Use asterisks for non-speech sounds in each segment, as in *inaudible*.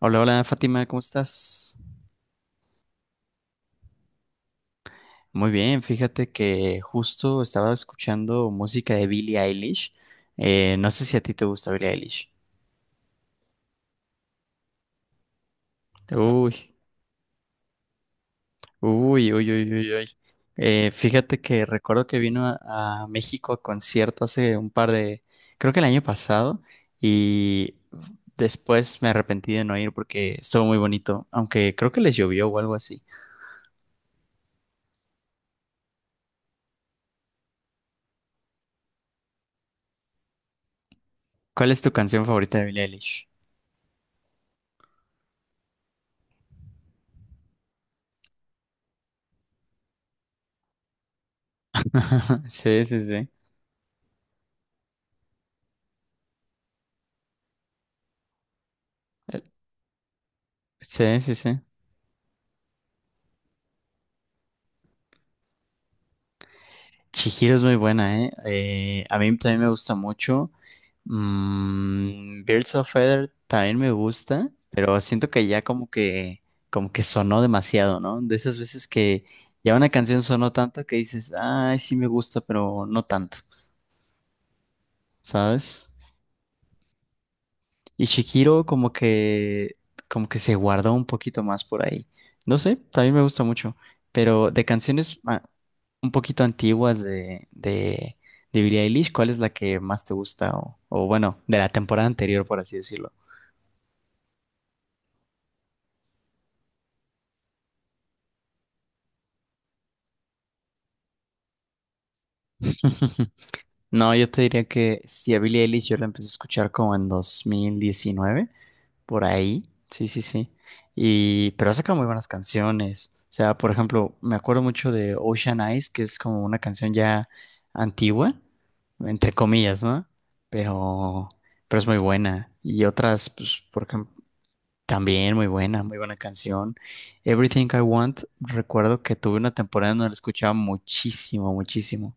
Hola, hola Fátima, ¿cómo estás? Muy bien, fíjate que justo estaba escuchando música de Billie Eilish. No sé si a ti te gusta Billie Eilish. Uy, uy, uy, uy, uy, uy. Fíjate que recuerdo que vino a México a concierto hace un par de, creo que el año pasado, y después me arrepentí de no ir porque estuvo muy bonito, aunque creo que les llovió o algo así. ¿Cuál es tu canción favorita de Billie Eilish? *laughs* Sí, sí, sí. Sí, sí, sí. Chihiro es muy buena, ¿eh? A mí también me gusta mucho. Mm, Birds of Feather también me gusta, pero siento que ya como que sonó demasiado, ¿no? De esas veces que ya una canción sonó tanto que dices, ay, sí me gusta, pero no tanto, ¿sabes? Y Shikiro como que se guardó un poquito más por ahí. No sé, también me gusta mucho. Pero de canciones ah, un poquito antiguas de Billie Eilish, ¿cuál es la que más te gusta? O bueno, de la temporada anterior, por así decirlo. *laughs* No, yo te diría que si a Billie Eilish yo la empecé a escuchar como en 2019, por ahí, sí, sí, sí. Y, pero ha sacado muy buenas canciones. O sea, por ejemplo, me acuerdo mucho de Ocean Eyes, que es como una canción ya antigua, entre comillas, ¿no? Pero, pero es muy buena. Y otras, pues, por ejemplo, también muy buena canción. Everything I Want, recuerdo que tuve una temporada donde la escuchaba muchísimo, muchísimo.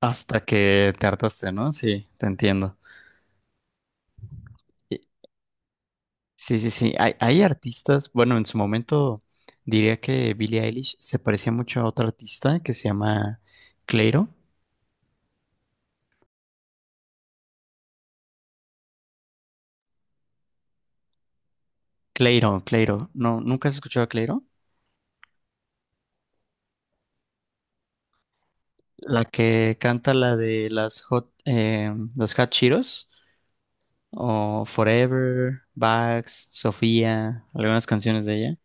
Hasta que te hartaste, ¿no? Sí, te entiendo. Y- Sí, sí, sí. Hay artistas, bueno, en su momento diría que Billie Eilish se parecía mucho a otra artista que se llama Cleiro. Cleiro, Cleiro. No, ¿nunca has escuchado a Cleiro? La que canta la de las Hot, los Hot Cheetos o Forever, Bax, Sofía, algunas canciones de ella.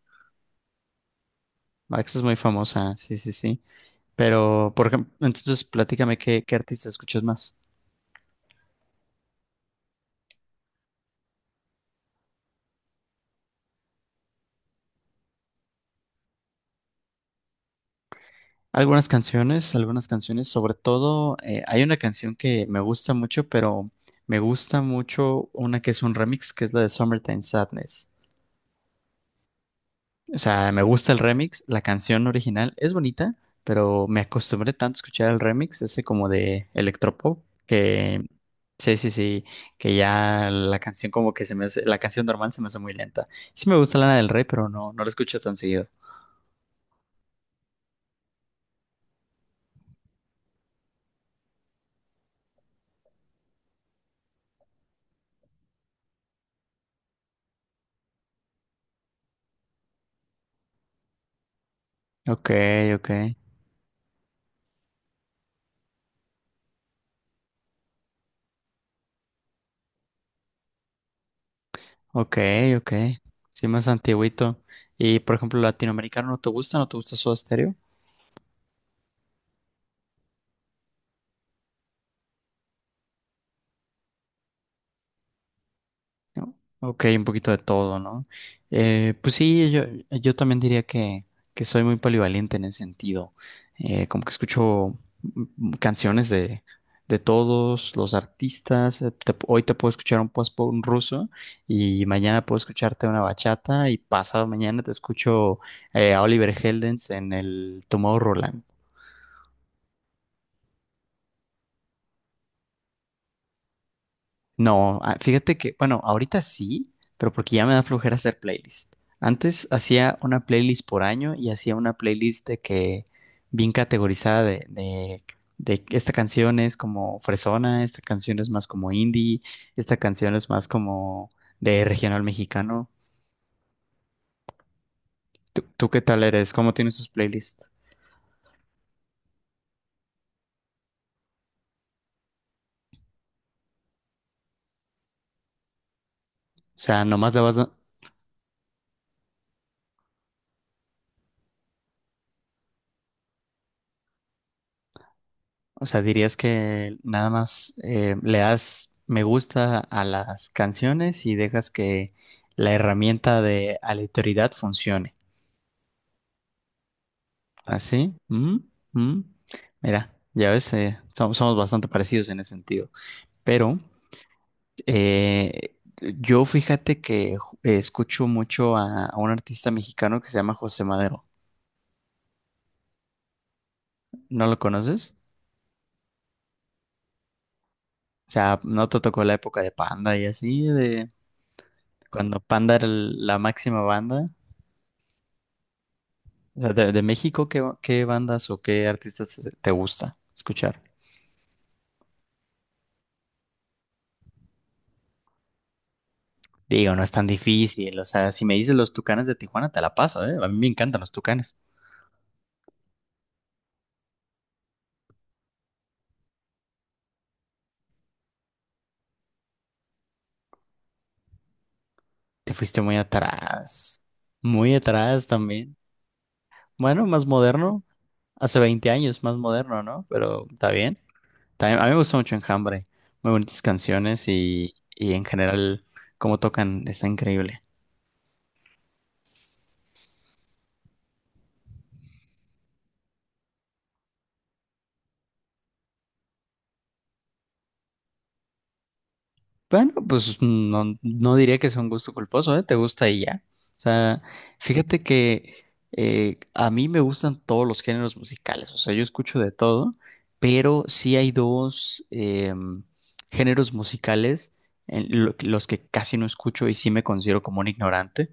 Bax es muy famosa, sí, sí, sí. Pero, por ejemplo, entonces platícame qué, qué artista escuchas más. Algunas canciones, sobre todo hay una canción que me gusta mucho, pero me gusta mucho una que es un remix, que es la de Summertime Sadness. O sea, me gusta el remix, la canción original es bonita, pero me acostumbré tanto a escuchar el remix, ese como de electropop, que sí, sí, sí, que ya la canción como que se me hace, la canción normal se me hace muy lenta. Sí me gusta Lana del Rey, pero no, no la escucho tan seguido. Ok, ok. Ok, ok. Sí, más antiguito. Y por ejemplo, latinoamericano, ¿no te gusta? ¿No te gusta Soda Stereo? No. Ok, un poquito de todo, ¿no? Pues sí, yo también diría que soy muy polivalente en ese sentido. Como que escucho canciones de todos los artistas. Hoy te puedo escuchar un post un ruso y mañana puedo escucharte una bachata y pasado mañana te escucho a Oliver Heldens en el Tomorrowland. No, ah, fíjate que, bueno, ahorita sí, pero porque ya me da flojera hacer playlist. Antes hacía una playlist por año y hacía una playlist de que bien categorizada de que esta canción es como fresona, esta canción es más como indie, esta canción es más como de regional mexicano. ¿Tú qué tal eres? ¿Cómo tienes tus playlists? O sea, nomás le vas. O sea, dirías que nada más le das me gusta a las canciones y dejas que la herramienta de aleatoriedad funcione. ¿Así? ¿Mm? ¿Mm? Mira, ya ves, somos bastante parecidos en ese sentido. Pero eh, yo fíjate que escucho mucho a un artista mexicano que se llama José Madero. ¿No lo conoces? O sea, ¿no te tocó la época de Panda y así, de cuando Panda era la máxima banda? O sea, de México, ¿qué, qué bandas o qué artistas te gusta escuchar? Digo, no es tan difícil. O sea, si me dices los Tucanes de Tijuana, te la paso, ¿eh? A mí me encantan los Tucanes. Te fuiste muy atrás. Muy atrás también. Bueno, más moderno. Hace 20 años, más moderno, ¿no? Pero está bien. También, a mí me gusta mucho Enjambre. Muy bonitas canciones y en general, cómo tocan, está increíble. Bueno, pues no, no diría que sea un gusto culposo, ¿eh? Te gusta y ya. O sea, fíjate que a mí me gustan todos los géneros musicales, o sea, yo escucho de todo, pero sí hay dos géneros musicales en los que casi no escucho y sí me considero como un ignorante,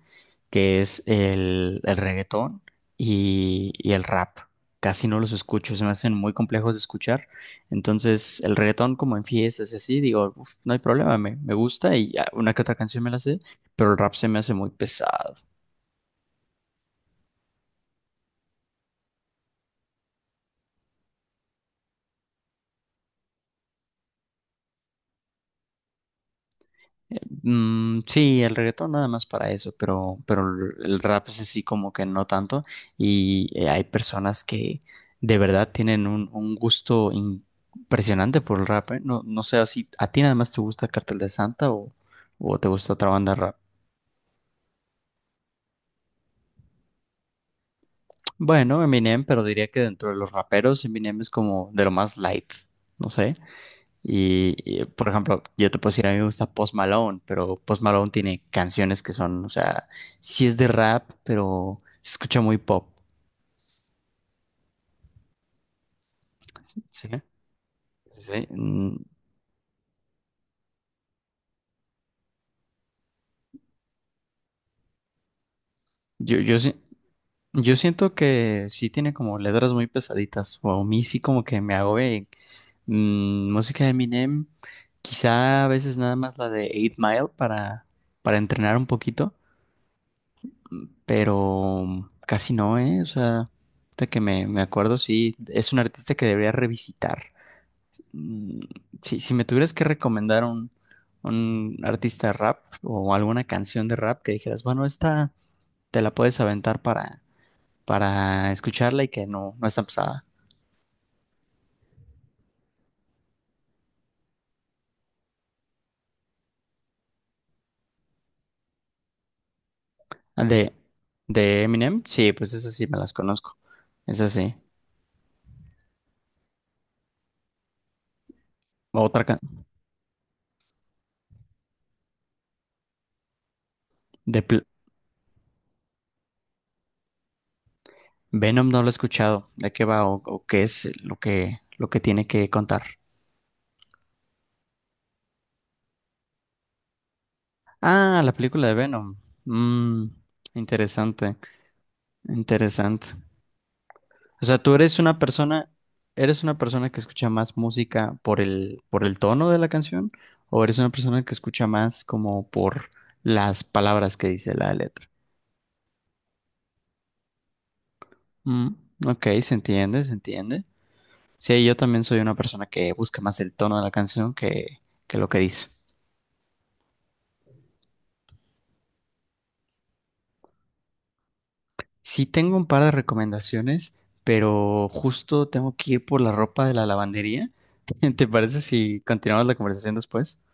que es el reggaetón y el rap. Casi no los escucho, se me hacen muy complejos de escuchar. Entonces, el reggaetón como en fiestas y así, digo, no hay problema, me gusta y ah, una que otra canción me la sé, pero el rap se me hace muy pesado. Sí, el reggaetón nada más para eso, pero el rap es así como que no tanto y hay personas que de verdad tienen un gusto impresionante por el rap, ¿eh? No, no sé si a ti nada más te gusta Cartel de Santa o te gusta otra banda de rap. Bueno, Eminem, pero diría que dentro de los raperos, Eminem es como de lo más light, no sé. Por ejemplo, yo te puedo decir, a mí me gusta Post Malone, pero Post Malone tiene canciones que son, o sea, sí es de rap, pero se escucha muy pop. Sí, sí. Yo, yo, sí- yo siento que sí tiene como letras muy pesaditas, o a mí sí como que me hago música de Eminem, quizá a veces nada más la de Eight Mile para entrenar un poquito, pero casi no, ¿eh? O sea, ahorita que me acuerdo, sí, es un artista que debería revisitar. Mm, Si, si me tuvieras que recomendar un artista de rap o alguna canción de rap que dijeras, bueno, esta te la puedes aventar para escucharla y que no, no es tan pesada. Ah, de Eminem, sí, pues esas sí me las conozco. Esas sí. Otra can- de Pl- Venom no lo he escuchado. ¿De qué va o qué es lo que tiene que contar? Ah, la película de Venom. Mm, Interesante, interesante. O sea, tú eres una persona que escucha más música por por el tono de la canción, o eres una persona que escucha más como por las palabras que dice la letra. Mm, ok, se entiende, se entiende. Sí, yo también soy una persona que busca más el tono de la canción que lo que dice. Sí tengo un par de recomendaciones, pero justo tengo que ir por la ropa de la lavandería. *laughs* ¿Te parece si continuamos la conversación después? *laughs*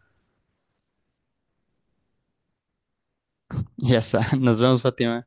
Ya está, nos vemos, Fátima.